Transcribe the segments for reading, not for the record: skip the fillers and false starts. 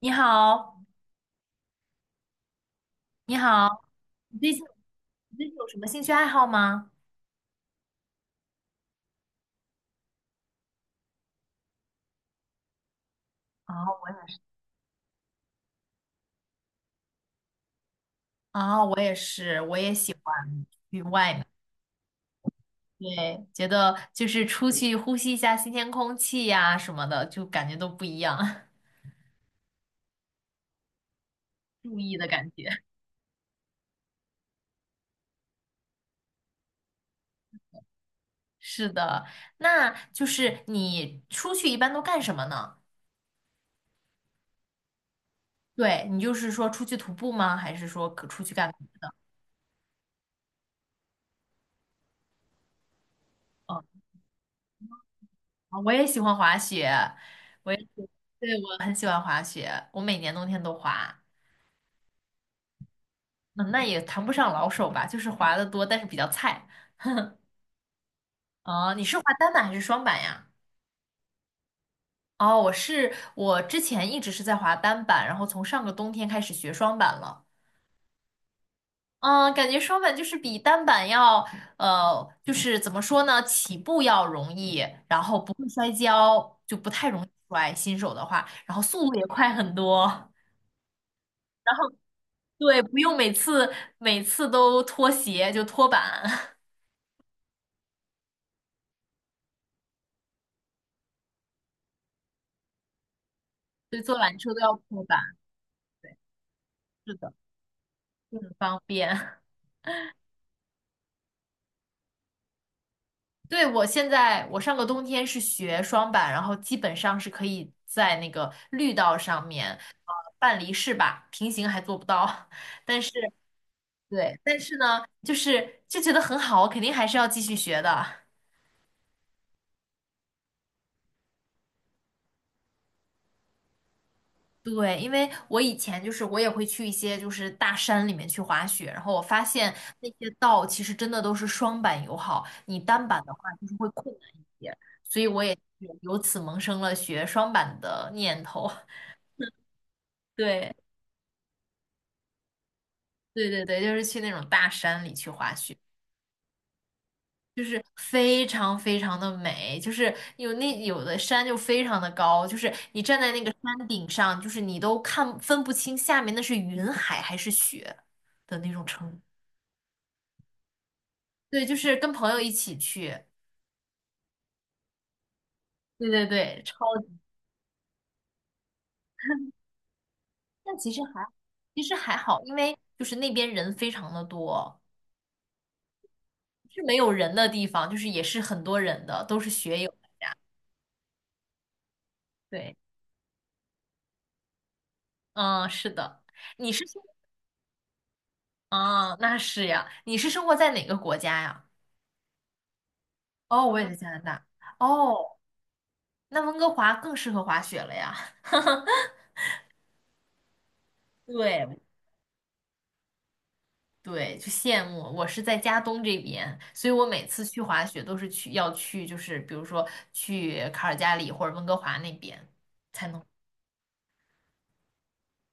你好，你好，你最近你最近有什么兴趣爱好吗？啊，我啊，我也是，我也喜欢去外面。对，觉得就是出去呼吸一下新鲜空气呀、什么的，就感觉都不一样，注意的感觉。是的，那就是你出去一般都干什么呢？对，你就是说出去徒步吗？还是说可出去干？嗯，啊我也喜欢滑雪，我也喜，对，我很喜欢滑雪，我每年冬天都滑。嗯，那也谈不上老手吧，就是滑的多，但是比较菜。啊。你是滑单板还是双板呀？哦，我之前一直是在滑单板，然后从上个冬天开始学双板了。嗯，感觉双板就是比单板要，就是怎么说呢，起步要容易，然后不会摔跤，就不太容易摔，新手的话，然后速度也快很多。对，不用每次都脱鞋，就脱板。对，坐缆车都要脱板，是的，就很方便。对，我现在我上个冬天是学双板，然后基本上是可以在那个绿道上面，呃，半离式吧，平行还做不到，但是对，但是呢，就觉得很好，我肯定还是要继续学的。对，因为我以前就是我也会去一些就是大山里面去滑雪，然后我发现那些道其实真的都是双板友好，你单板的话就是会困难一些，所以我也是由此萌生了学双板的念头。对。对对对，就是去那种大山里去滑雪，就是非常非常的美，就是有的山就非常的高，就是你站在那个山顶上，就是你都分不清下面那是云海还是雪的那种程度。对，就是跟朋友一起去，对对对，超级。但其实还其实还好，因为就是那边人非常的多，是没有人的地方，就是也是很多人的，都是学友。对，嗯，是的。你是啊，那是呀。你是生活在哪个国家呀？哦，我也在加拿大。哦，那温哥华更适合滑雪了呀。对对，就羡慕。我是在加东这边，所以我每次去滑雪都是要去，就是比如说去卡尔加里或者温哥华那边才能。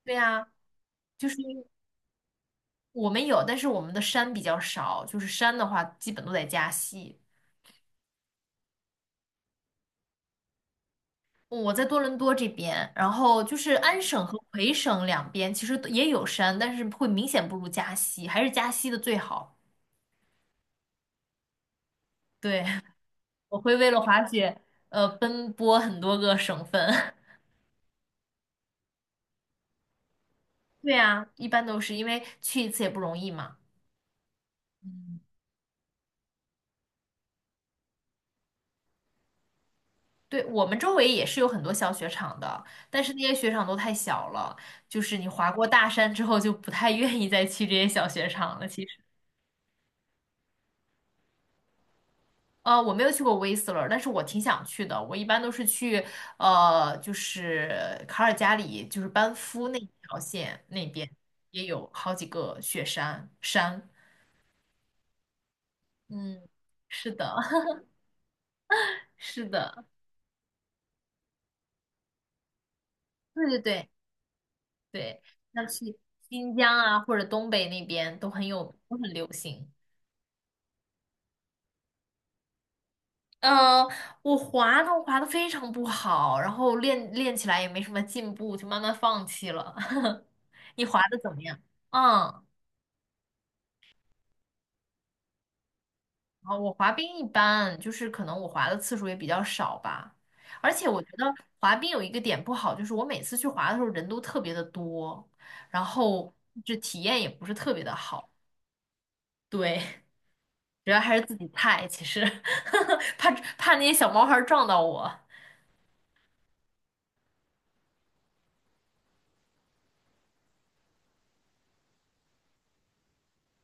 对呀，就是因为我们有，但是我们的山比较少，就是山的话基本都在加西。我在多伦多这边，然后就是安省和魁省两边其实都也有山，但是会明显不如加西，还是加西的最好。对，我会为了滑雪，奔波很多个省份。对啊，一般都是因为去一次也不容易嘛。嗯，对，我们周围也是有很多小雪场的，但是那些雪场都太小了，就是你滑过大山之后就不太 愿意再去这些小雪场了。其实。我没有去过威斯勒，但是我挺想去的。我一般都是去就是卡尔加里，就是班夫那条线那边也有好几个雪山。嗯，是的，是的，对对对对，像去新疆啊或者东北那边都很有，都很流行。呃，我滑呢，我滑的非常不好，然后练起来也没什么进步，就慢慢放弃了。你滑的怎么样？嗯。啊，我滑冰一般，就是可能我滑的次数也比较少吧。而且我觉得滑冰有一个点不好，就是我每次去滑的时候人都特别的多，然后这体验也不是特别的好。对，主要还是自己菜，其实 怕那些小毛孩儿撞到我。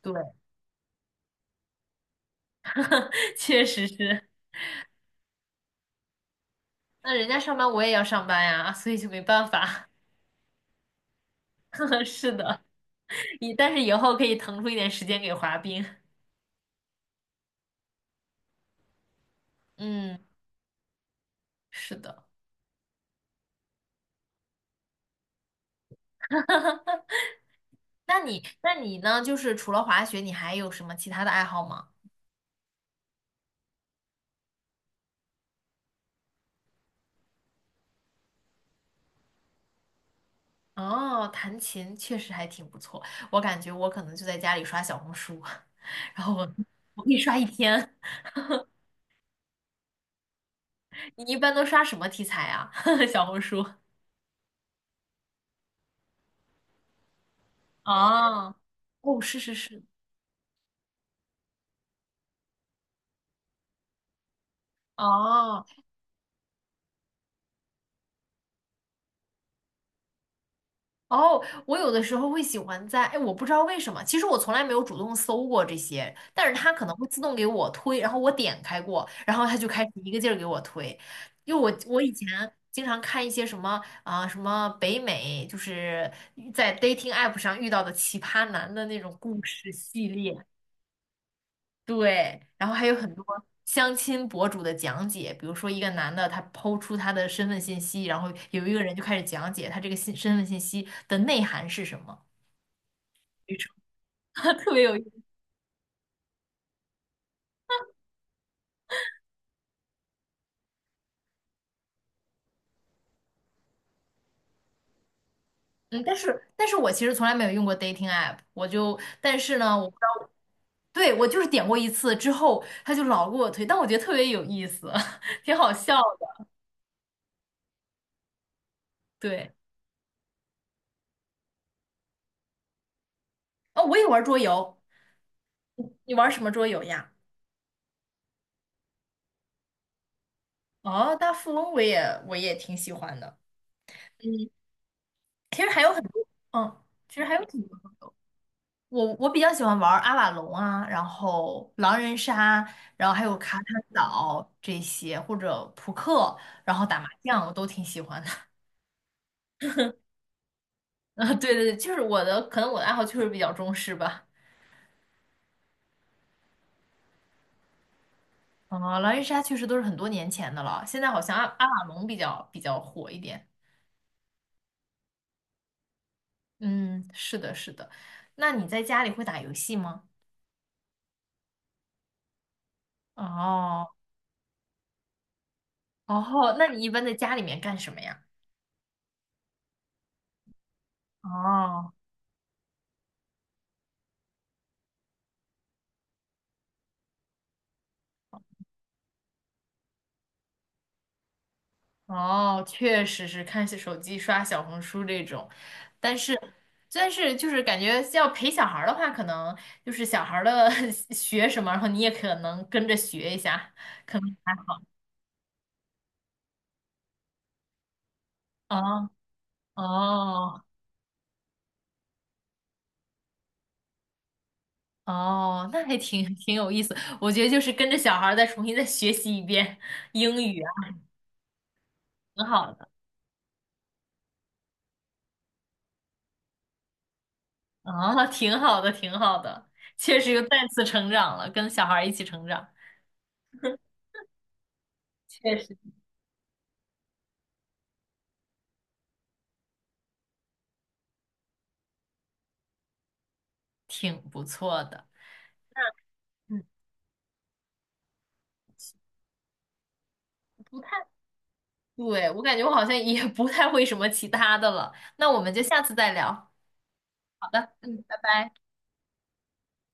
对，确实是。那人家上班我也要上班呀，所以就没办法。是的，以但是以后可以腾出一点时间给滑冰。嗯，是的。那你呢？就是除了滑雪，你还有什么其他的爱好吗？哦，弹琴确实还挺不错，我感觉我可能就在家里刷小红书，然后我我可以刷一天。你一般都刷什么题材啊？小红书？哦，哦，是是是，哦。哦，我有的时候会喜欢在，哎，我不知道为什么，其实我从来没有主动搜过这些，但是它可能会自动给我推，然后我点开过，然后它就开始一个劲儿给我推，因为我以前经常看一些什么啊、什么北美，就是在 dating app 上遇到的奇葩男的那种故事系列，对，然后还有很多相亲博主的讲解，比如说一个男的他抛出他的身份信息，然后有一个人就开始讲解他这个身份信息的内涵是什么。女装，特别有意思。嗯，但是我其实从来没有用过 dating app，但是呢，我不知道，对，我就是点过一次之后，他就老给我推，但我觉得特别有意思，挺好笑的。对，哦，我也玩桌游，你玩什么桌游呀？哦，大富翁我也挺喜欢的。其实还有很多，嗯，其实还有挺多。我比较喜欢玩阿瓦隆啊，然后狼人杀，然后还有卡坦岛这些，或者扑克，然后打麻将，我都挺喜欢的。啊，对对对，就是我的，可能我的爱好确实比较中式吧。啊，狼人杀确实都是很多年前的了，现在好像阿瓦隆比较火一点。嗯，是的，是的。那你在家里会打游戏吗？哦哦，那你一般在家里面干什么呀？哦哦，确实是看手机、刷小红书这种，但是就是感觉要陪小孩儿的话，可能就是小孩儿的 学什么，然后你也可能跟着学一下，可能还。哦哦哦，那还挺 挺有意思。我觉得就是跟着小孩儿再重新再学习一遍英语啊，挺好的。啊，挺好的，挺好的，确实又再次成长了，跟小孩儿一起成长，确实挺不错的。嗯，不太，对，我感觉我好像也不太会什么其他的了。那我们就下次再聊。好的，嗯，拜拜。